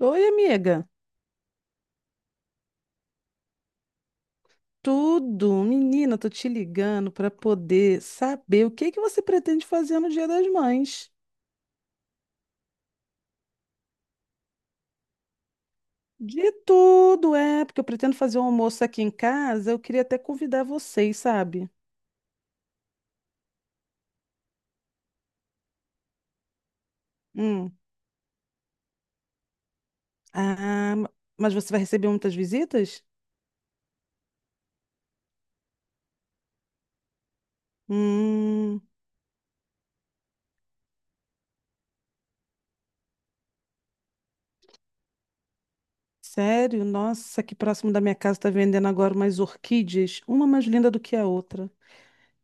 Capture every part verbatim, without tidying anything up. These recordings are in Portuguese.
Oi, amiga. Tudo, menina, tô te ligando para poder saber o que que você pretende fazer no Dia das Mães. De tudo, é, porque eu pretendo fazer um almoço aqui em casa, eu queria até convidar vocês, sabe? Hum. Ah, ma- mas você vai receber muitas visitas? Hum, Sério? Nossa, aqui próximo da minha casa tá vendendo agora umas orquídeas, uma mais linda do que a outra.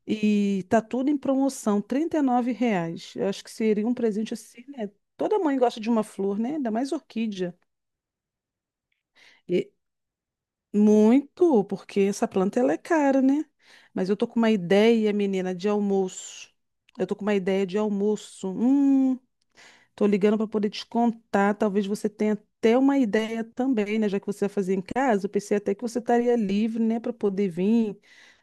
E tá tudo em promoção, trinta e nove reais. Eu acho que seria um presente assim, né? Toda mãe gosta de uma flor, né? Ainda mais orquídea. E muito, porque essa planta ela é cara, né? Mas eu tô com uma ideia, menina, de almoço. Eu tô com uma ideia de almoço. Hum, Tô ligando para poder te contar, talvez você tenha até uma ideia também, né? Já que você vai fazer em casa, eu pensei até que você estaria livre, né, para poder vir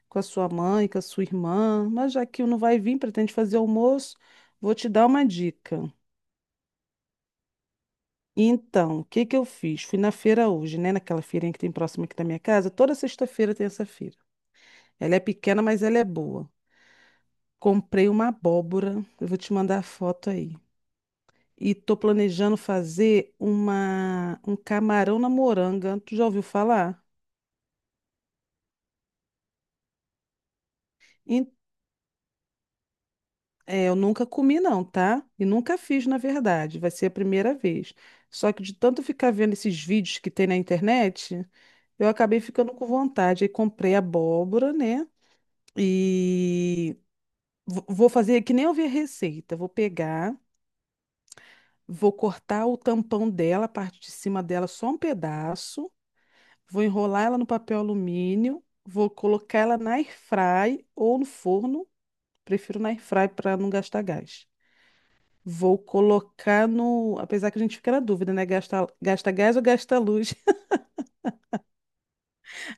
com a sua mãe, com a sua irmã, mas já que não vai vir, pretende fazer almoço, vou te dar uma dica. Então, o que que eu fiz? Fui na feira hoje, né, naquela feirinha que tem próxima aqui da minha casa, toda sexta-feira tem essa feira. Ela é pequena, mas ela é boa. Comprei uma abóbora, eu vou te mandar a foto aí. E tô planejando fazer uma um camarão na moranga. Tu já ouviu falar? Em- É, eu nunca comi não, tá? E nunca fiz, na verdade. Vai ser a primeira vez. Só que de tanto ficar vendo esses vídeos que tem na internet, eu acabei ficando com vontade. Aí comprei abóbora, né? E vo- vou fazer que nem eu vi a receita. Vou pegar, vou cortar o tampão dela, a parte de cima dela, só um pedaço. Vou enrolar ela no papel alumínio, vou colocar ela na airfry ou no forno, prefiro na airfry para não gastar gás. Vou colocar no, apesar que a gente fica na dúvida, né? Gasta, gasta gás ou gasta luz?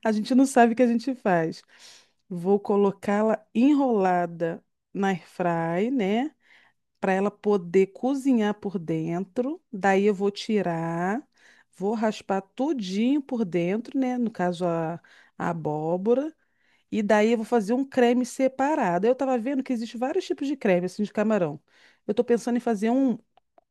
A gente não sabe o que a gente faz. Vou colocá-la enrolada na airfry, né? Para ela poder cozinhar por dentro. Daí eu vou tirar, vou raspar tudinho por dentro, né? No caso a a abóbora. E daí eu vou fazer um creme separado. Eu tava vendo que existe vários tipos de creme, assim, de camarão. Eu tô pensando em fazer um,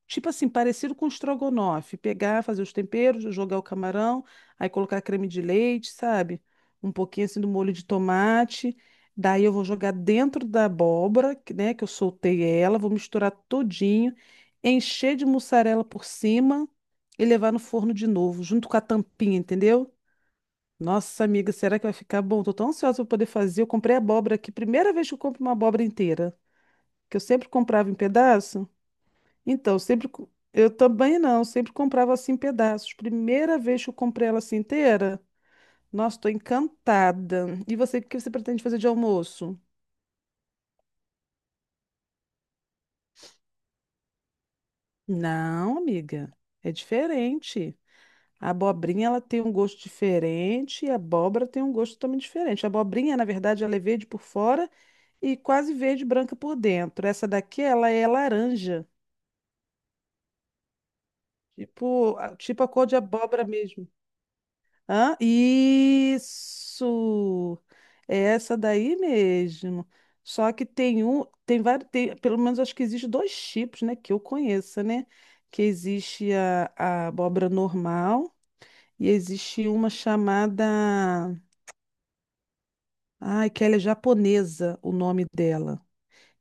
tipo assim, parecido com estrogonofe. Pegar, fazer os temperos, jogar o camarão, aí colocar creme de leite, sabe? Um pouquinho assim do molho de tomate. Daí eu vou jogar dentro da abóbora, que, né, que eu soltei ela, vou misturar todinho, encher de mussarela por cima e levar no forno de novo, junto com a tampinha, entendeu? Nossa, amiga, será que vai ficar bom? Tô tão ansiosa pra poder fazer. Eu comprei abóbora aqui, primeira vez que eu compro uma abóbora inteira, que eu sempre comprava em pedaço. Então, eu sempre co- eu também não, eu sempre comprava assim em pedaços. Primeira vez que eu comprei ela assim inteira. Nossa, tô encantada. E você, o que você pretende fazer de almoço? Não, amiga, é diferente. A abobrinha ela tem um gosto diferente e a abóbora tem um gosto totalmente diferente. A abobrinha, na verdade, ela é verde por fora e quase verde branca por dentro. Essa daqui, ela é laranja, tipo, a- tipo a cor de abóbora mesmo. Hã? Isso! É essa daí mesmo. Só que tem um, tem vários, tem- pelo menos acho que existe dois tipos, né, que eu conheça, né? Que existe a, a abóbora normal e existe uma chamada. Ai, que ela é japonesa, o nome dela.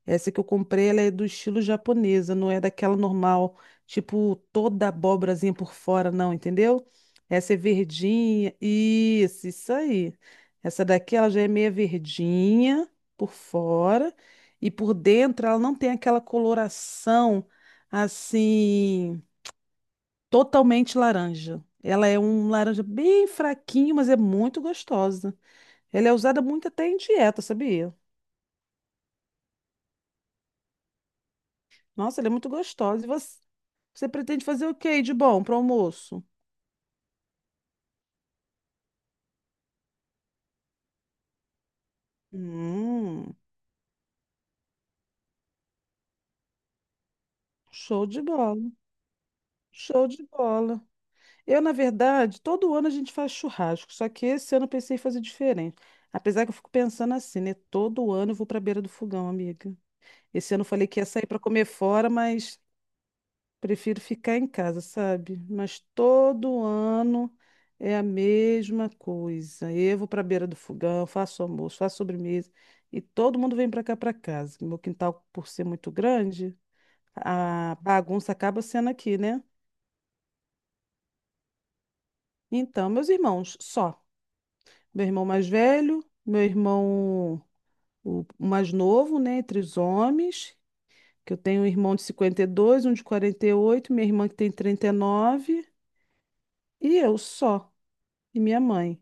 Essa que eu comprei, ela é do estilo japonesa, não é daquela normal, tipo toda abobrazinha por fora, não, entendeu? Essa é verdinha, isso, isso aí. Essa daqui, ela já é meia verdinha por fora e por dentro ela não tem aquela coloração assim totalmente laranja. Ela é um laranja bem fraquinho, mas é muito gostosa. Ela é usada muito até em dieta, sabia? Nossa, ela é muito gostosa. E você, você pretende fazer o quê de bom para almoço? Hum, Show de bola. Show de bola. Eu, na verdade, todo ano a gente faz churrasco, só que esse ano eu pensei em fazer diferente. Apesar que eu fico pensando assim, né? Todo ano eu vou para a beira do fogão, amiga. Esse ano eu falei que ia sair para comer fora, mas prefiro ficar em casa, sabe? Mas todo ano é a mesma coisa. Eu vou para a beira do fogão, faço almoço, faço sobremesa e todo mundo vem para cá para casa. Meu quintal, por ser muito grande, a bagunça acaba sendo aqui, né? Então, meus irmãos, só. Meu irmão mais velho, meu irmão o o mais novo, né, entre os homens, que eu tenho um irmão de cinquenta e dois, um de quarenta e oito, minha irmã que tem trinta e nove e eu só, e minha mãe.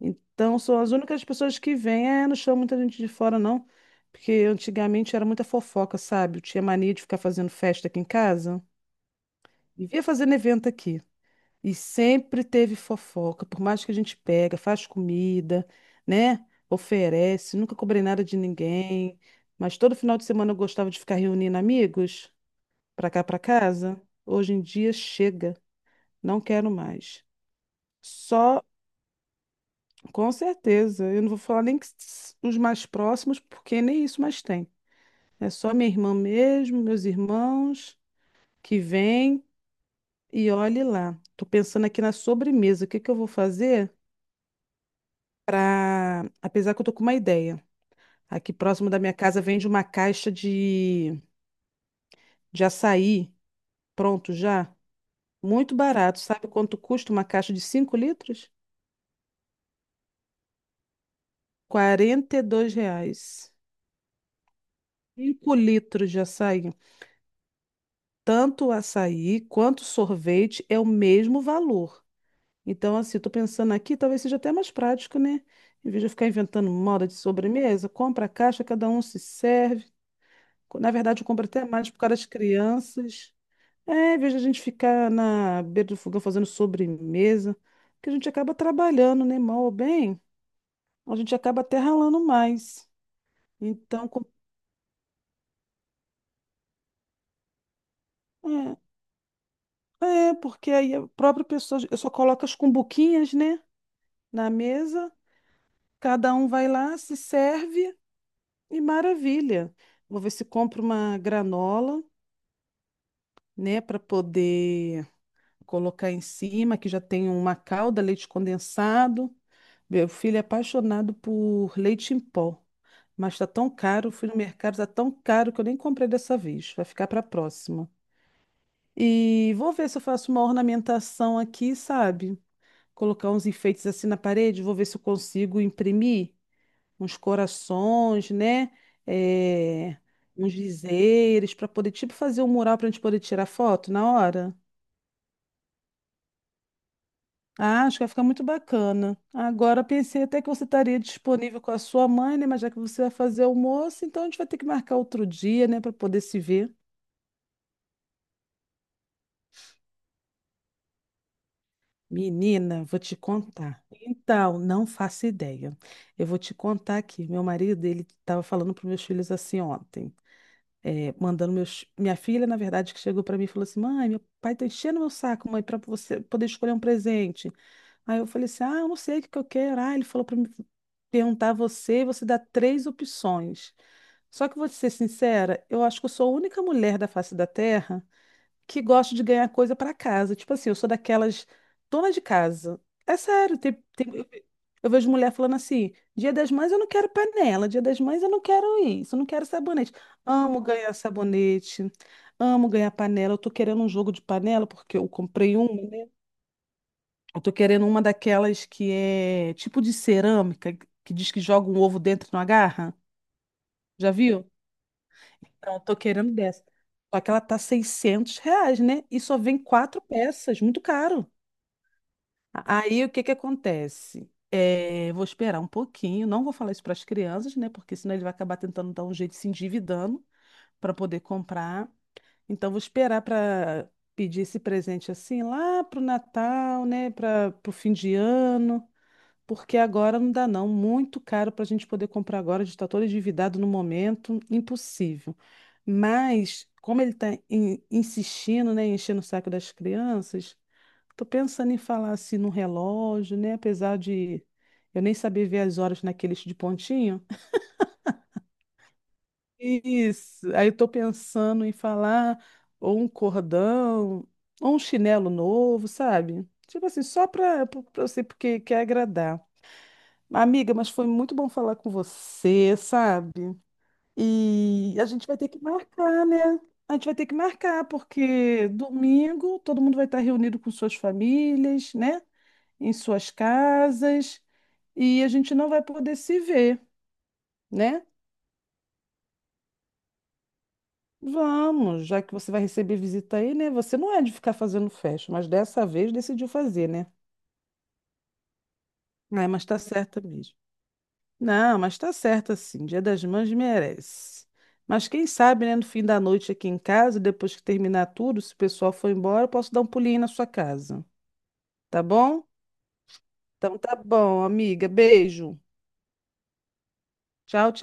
Então, são as únicas pessoas que vêm. É, não chama muita gente de fora, não. Porque antigamente era muita fofoca, sabe? Eu tinha mania de ficar fazendo festa aqui em casa. Vivia fazendo evento aqui. E sempre teve fofoca. Por mais que a gente pega, faz comida, né? Oferece. Nunca cobrei nada de ninguém. Mas todo final de semana eu gostava de ficar reunindo amigos pra cá, pra casa. Hoje em dia chega. Não quero mais. Só. Com certeza. Eu não vou falar nem que s- os mais próximos, porque nem isso mais tem. É só minha irmã mesmo, meus irmãos que vêm e olhe lá. Tô pensando aqui na sobremesa. O que que eu vou fazer para, apesar que eu tô com uma ideia. Aqui próximo da minha casa vende uma caixa de de açaí pronto já, muito barato. Sabe quanto custa uma caixa de cinco litros? Quarenta e dois reais. Cinco litros de açaí. Tanto o açaí quanto o sorvete é o mesmo valor. Então, assim, tô pensando aqui, talvez seja até mais prático, né? Em vez de eu ficar inventando moda de sobremesa, compra a caixa, cada um se serve. Na verdade, eu compro até mais por causa das crianças. É, em vez de a gente ficar na beira do fogão fazendo sobremesa, que a gente acaba trabalhando, né? Mal ou bem, a gente acaba até ralando mais. Então, com- é, é, porque aí a própria pessoa, eu só coloco as cumbuquinhas, né? Na mesa. Cada um vai lá, se serve e maravilha. Vou ver se compro uma granola, né, para poder colocar em cima, que já tem uma calda, leite condensado. Meu filho é apaixonado por leite em pó, mas tá tão caro, fui no mercado, tá tão caro que eu nem comprei dessa vez. Vai ficar para a próxima. E vou ver se eu faço uma ornamentação aqui, sabe? Colocar uns enfeites assim na parede, vou ver se eu consigo imprimir uns corações, né? É, uns dizeres, para poder, tipo, fazer um mural para a gente poder tirar foto na hora. Ah, acho que vai ficar muito bacana. Agora pensei até que você estaria disponível com a sua mãe, né? Mas já que você vai fazer almoço, então a gente vai ter que marcar outro dia, né, para poder se ver. Menina, vou te contar. Então, não faço ideia. Eu vou te contar aqui. Meu marido, ele estava falando para meus filhos assim ontem. É, mandando meus. Minha filha, na verdade, que chegou para mim e falou assim: mãe, meu pai tá enchendo meu saco, mãe, para você poder escolher um presente. Aí eu falei assim: ah, eu não sei o que que eu quero. Ah, ele falou para mim perguntar a você, e você dá três opções. Só que vou te ser sincera, eu acho que eu sou a única mulher da face da Terra que gosto de ganhar coisa para casa. Tipo assim, eu sou daquelas dona de casa. É sério, tem, tem- eu ve- eu vejo mulher falando assim: Dia das Mães eu não quero panela, Dia das Mães eu não quero isso, eu não quero sabonete. Amo ganhar sabonete, amo ganhar panela. Eu tô querendo um jogo de panela porque eu comprei uma, né? Eu tô querendo uma daquelas que é tipo de cerâmica, que diz que joga um ovo dentro e não agarra. Já viu? Então, eu tô querendo dessa. Só que ela tá seiscentos reais, né? E só vem quatro peças, muito caro. Aí o que que acontece? Eh, vou esperar um pouquinho, não vou falar isso para as crianças, né? Porque senão ele vai acabar tentando dar um jeito de se endividando para poder comprar. Então vou esperar para pedir esse presente assim lá pro Natal, né? Para o fim de ano. Porque agora não dá, não. Muito caro para a gente poder comprar agora. A gente está todo endividado no momento, impossível. Mas, como ele está insistindo, né, enchendo o saco das crianças, estou pensando em falar assim no relógio, né? Apesar de eu nem saber ver as horas naquele de pontinho. Isso. Aí eu tô pensando em falar ou um cordão, ou um chinelo novo, sabe? Tipo assim, só para você, porque quer agradar. Amiga, mas foi muito bom falar com você, sabe? E a gente vai ter que marcar, né? A gente vai ter que marcar, porque domingo todo mundo vai estar reunido com suas famílias, né? Em suas casas, e a gente não vai poder se ver, né? Vamos, já que você vai receber visita aí, né? Você não é de ficar fazendo festa, mas dessa vez decidiu fazer, né? Ah, mas tá certa mesmo. Não, mas tá certo assim. Dia das Mães merece. Mas quem sabe, né, no fim da noite aqui em casa, depois que terminar tudo, se o pessoal for embora, eu posso dar um pulinho aí na sua casa. Tá bom? Então tá bom, amiga. Beijo. Tchau, tchau.